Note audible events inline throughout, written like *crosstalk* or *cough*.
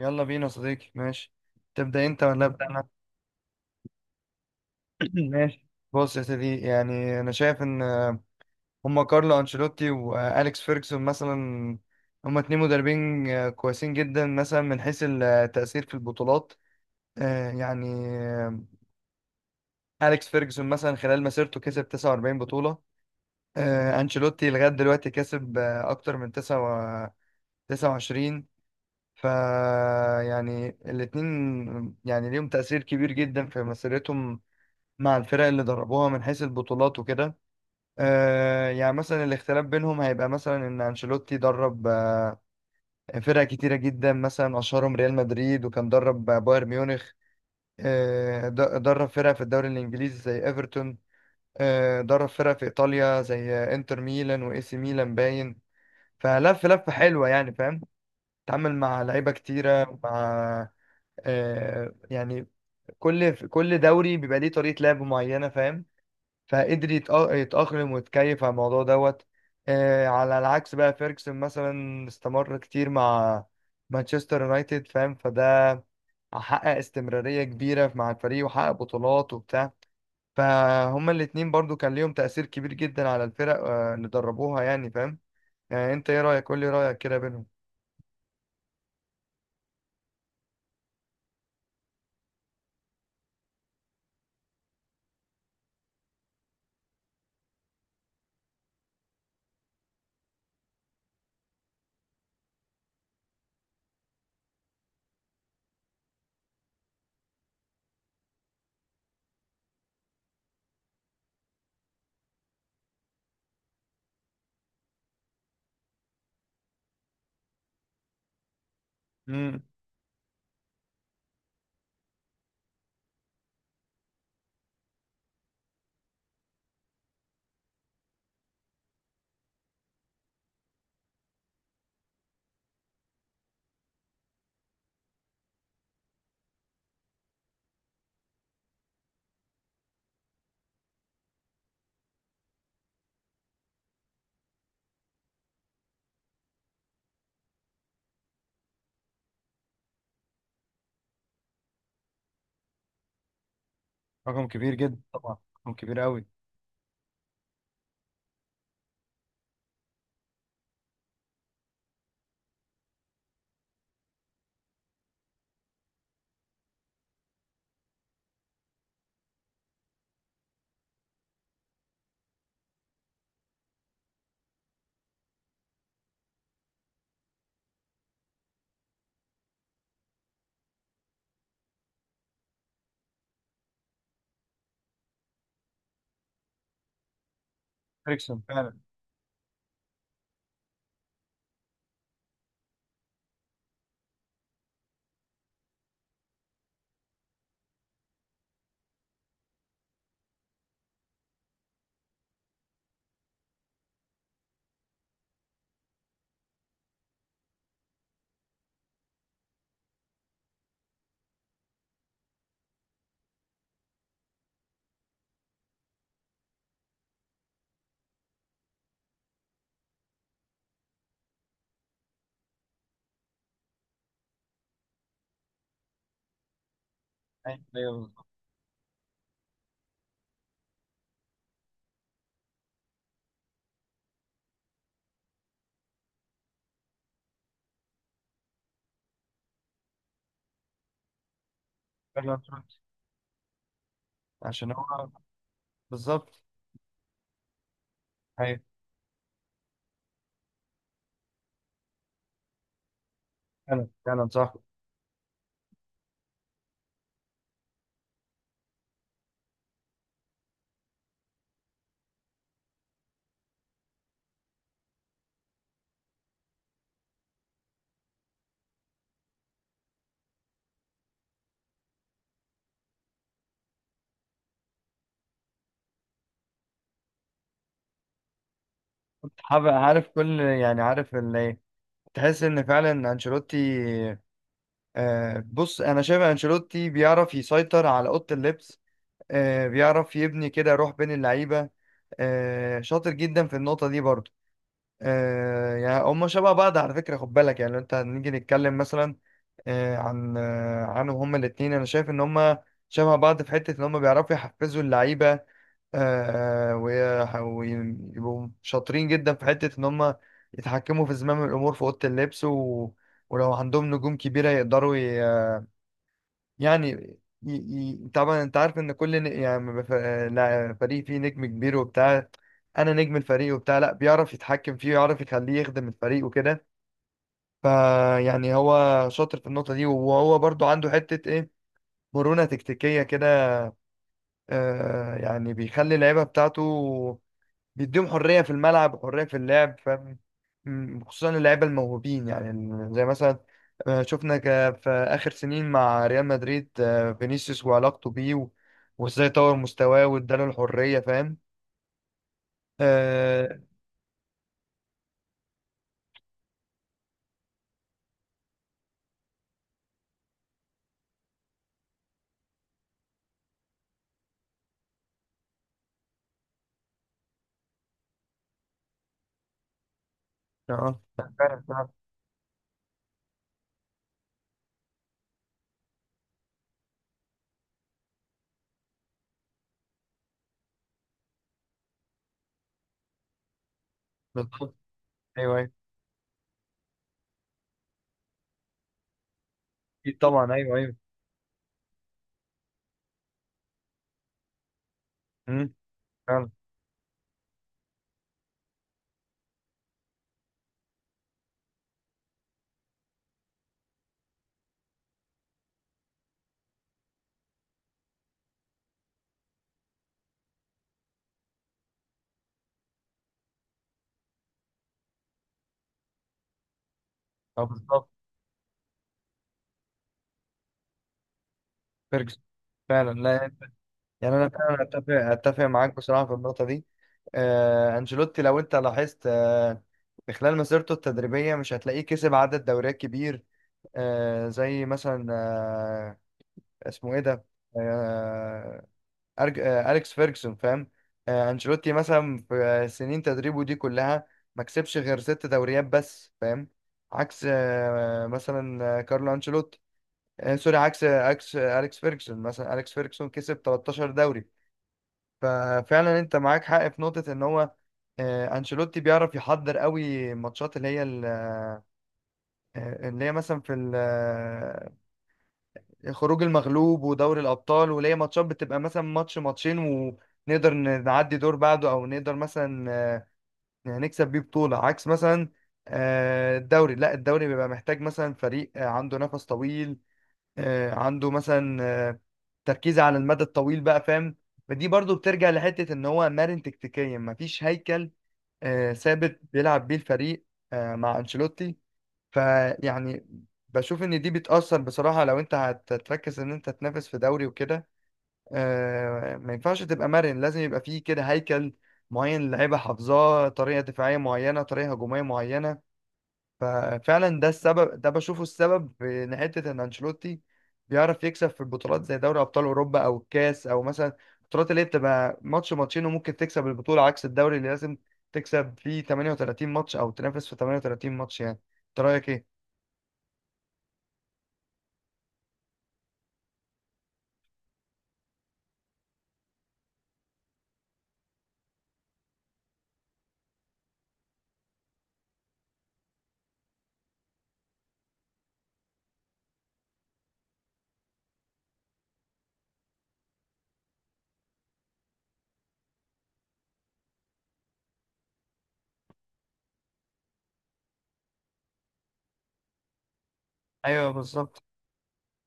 يلا بينا يا صديقي. ماشي، تبدأ انت ولا ابدأ انا؟ *clears throat* ماشي. بص يا سيدي، يعني انا شايف ان هما كارلو انشيلوتي واليكس فيرجسون مثلا هما اتنين مدربين كويسين جدا، مثلا من حيث التأثير في البطولات. آه، يعني اليكس فيرجسون مثلا خلال مسيرته كسب 49 بطولة. انشيلوتي لغاية دلوقتي كسب اكتر من 29. ف يعني الاتنين يعني ليهم تأثير كبير جدا في مسيرتهم مع الفرق اللي دربوها من حيث البطولات وكده. يعني مثلا الاختلاف بينهم هيبقى مثلا ان انشيلوتي درب فرق كتيره جدا، مثلا اشهرهم ريال مدريد، وكان درب بايرن ميونخ. درب فرق في الدوري الانجليزي زي ايفرتون. درب فرق في ايطاليا زي انتر ميلان واي سي ميلان. باين فلف لفه حلوه يعني، فاهم؟ اتعامل مع لعيبه كتيره مع آه يعني كل دوري بيبقى ليه طريقه لعب معينه، فاهم؟ يتأقلم ويتكيف على الموضوع دوت. على العكس بقى فيرجسون مثلا استمر كتير مع مانشستر يونايتد، فاهم؟ فده حقق استمرارية كبيرة مع الفريق وحقق بطولات وبتاع. فهما الاتنين برضو كان ليهم تأثير كبير جدا على الفرق اللي دربوها يعني، فاهم؟ يعني انت ايه رأيك؟ قول لي رأيك كده بينهم. امم، رقم كبير جدا طبعا، رقم كبير قوي. فيرجسون فعلا. ايوه، أيوة، بالظبط. فعلا صح. عشان هو بالظبط. ايوه. فعلا فعلا صح. عارف، كل يعني عارف اللي إيه. تحس ان فعلا انشيلوتي بص، انا شايف انشيلوتي بيعرف يسيطر على اوضه اللبس. بيعرف يبني كده روح بين اللعيبه. شاطر جدا في النقطه دي برضو. هما شبه بعض على فكره، خد بالك. يعني لو انت هنيجي نتكلم مثلا آه، عن آه، عنهم هما الاثنين، انا شايف ان هما شبه بعض في حته ان هما بيعرفوا يحفزوا اللعيبه. ويبقوا شاطرين جدا في حتة إن هم يتحكموا في زمام الأمور في أوضة اللبس و... ولو عندهم نجوم كبيرة يقدروا ي... يعني ي... ي... طبعا أنت عارف إن كل ن... يعني ما بف... لا، فريق فيه نجم كبير وبتاع، أنا نجم الفريق وبتاع، لا بيعرف يتحكم فيه ويعرف يخليه يخدم الفريق وكده. فيعني هو شاطر في النقطة دي، وهو برضو عنده حتة إيه، مرونة تكتيكية كده. يعني بيخلي اللعيبة بتاعته بيديهم حرية في الملعب وحرية في اللعب، فاهم؟ خصوصا اللعيبة الموهوبين، يعني زي مثلا شفنا في آخر سنين مع ريال مدريد فينيسيوس وعلاقته بيه و- وازاي طور مستواه واداله الحرية، فاهم؟ اه. آه، فعلا فعلا بالظبط. ايوه ايوه اكيد طبعا. ايوه ايوه. مم، فعلا. بالظبط. فيرجسون فعلا. لا، يعني انا فعلا اتفق معاك بصراحه في النقطه دي. انشيلوتي، لو انت لاحظت، في خلال مسيرته التدريبيه مش هتلاقيه كسب عدد دوريات كبير زي مثلا اسمه ايه ده؟ آه أرج... آه اليكس فيرجسون، فاهم؟ انشيلوتي مثلا في سنين تدريبه دي كلها ما كسبش غير ست دوريات بس، فاهم؟ عكس آه مثلا آه، كارلو انشيلوتي آه سوري عكس عكس اليكس فيرجسون مثلا. اليكس فيرجسون كسب 13 دوري. ففعلا انت معاك حق في نقطة ان هو انشيلوتي بيعرف يحضر قوي الماتشات اللي هي مثلا في خروج المغلوب ودوري الابطال، واللي هي ماتشات بتبقى مثلا ماتش ماتشين ونقدر نعدي دور بعده، او نقدر مثلا يعني نكسب بيه بطولة عكس مثلا الدوري. لا، الدوري بيبقى محتاج مثلا فريق عنده نفس طويل، عنده مثلا تركيز على المدى الطويل بقى، فاهم؟ فدي برضو بترجع لحتة ان هو مرن تكتيكيا، مفيش هيكل ثابت بيلعب بيه الفريق مع انشيلوتي. فيعني بشوف ان دي بتأثر بصراحة. لو انت هتركز ان انت تنافس في دوري وكده، ما ينفعش تبقى مرن، لازم يبقى فيه كده هيكل معين اللعيبة حافظاه، طريقة دفاعية معينة طريقة هجومية معينة. ففعلا ده السبب، ده بشوفه السبب في ان حته ان انشيلوتي بيعرف يكسب في البطولات زي دوري ابطال اوروبا او الكاس، او مثلا البطولات اللي هي بتبقى ماتش ماتشين وممكن تكسب البطوله، عكس الدوري اللي لازم تكسب فيه 38 ماتش او تنافس في 38 ماتش يعني. انت رايك ايه؟ ايوه بالظبط.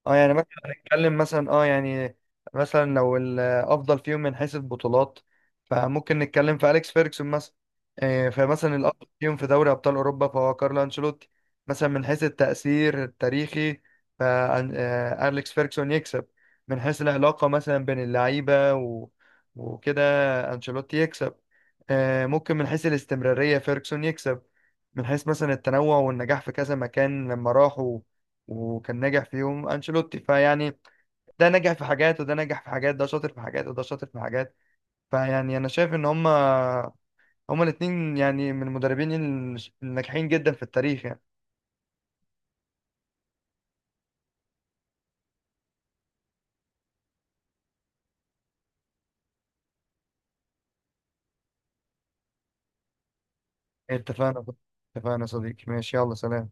اه يعني مثلا نتكلم مثلا اه يعني مثلا لو الافضل فيهم من حيث البطولات فممكن نتكلم في اليكس فيرجسون مثلا. فمثلا الافضل فيهم في دوري ابطال اوروبا فهو كارلو انشيلوتي. مثلا من حيث التاثير التاريخي فاليكس فيرجسون يكسب. من حيث العلاقه مثلا بين اللعيبه و... وكده انشيلوتي يكسب. ممكن من حيث الاستمراريه فيرجسون يكسب. من حيث مثلا التنوع والنجاح في كذا مكان لما راحوا وكان ناجح فيهم انشيلوتي. فيعني ده نجح في حاجات وده نجح في حاجات، ده شاطر في حاجات وده شاطر في حاجات. فيعني انا شايف ان هما الاتنين يعني من المدربين الناجحين جدا في التاريخ يعني. اتفقنا. اتفقنا يا صديقي، ماشي، يلا سلام.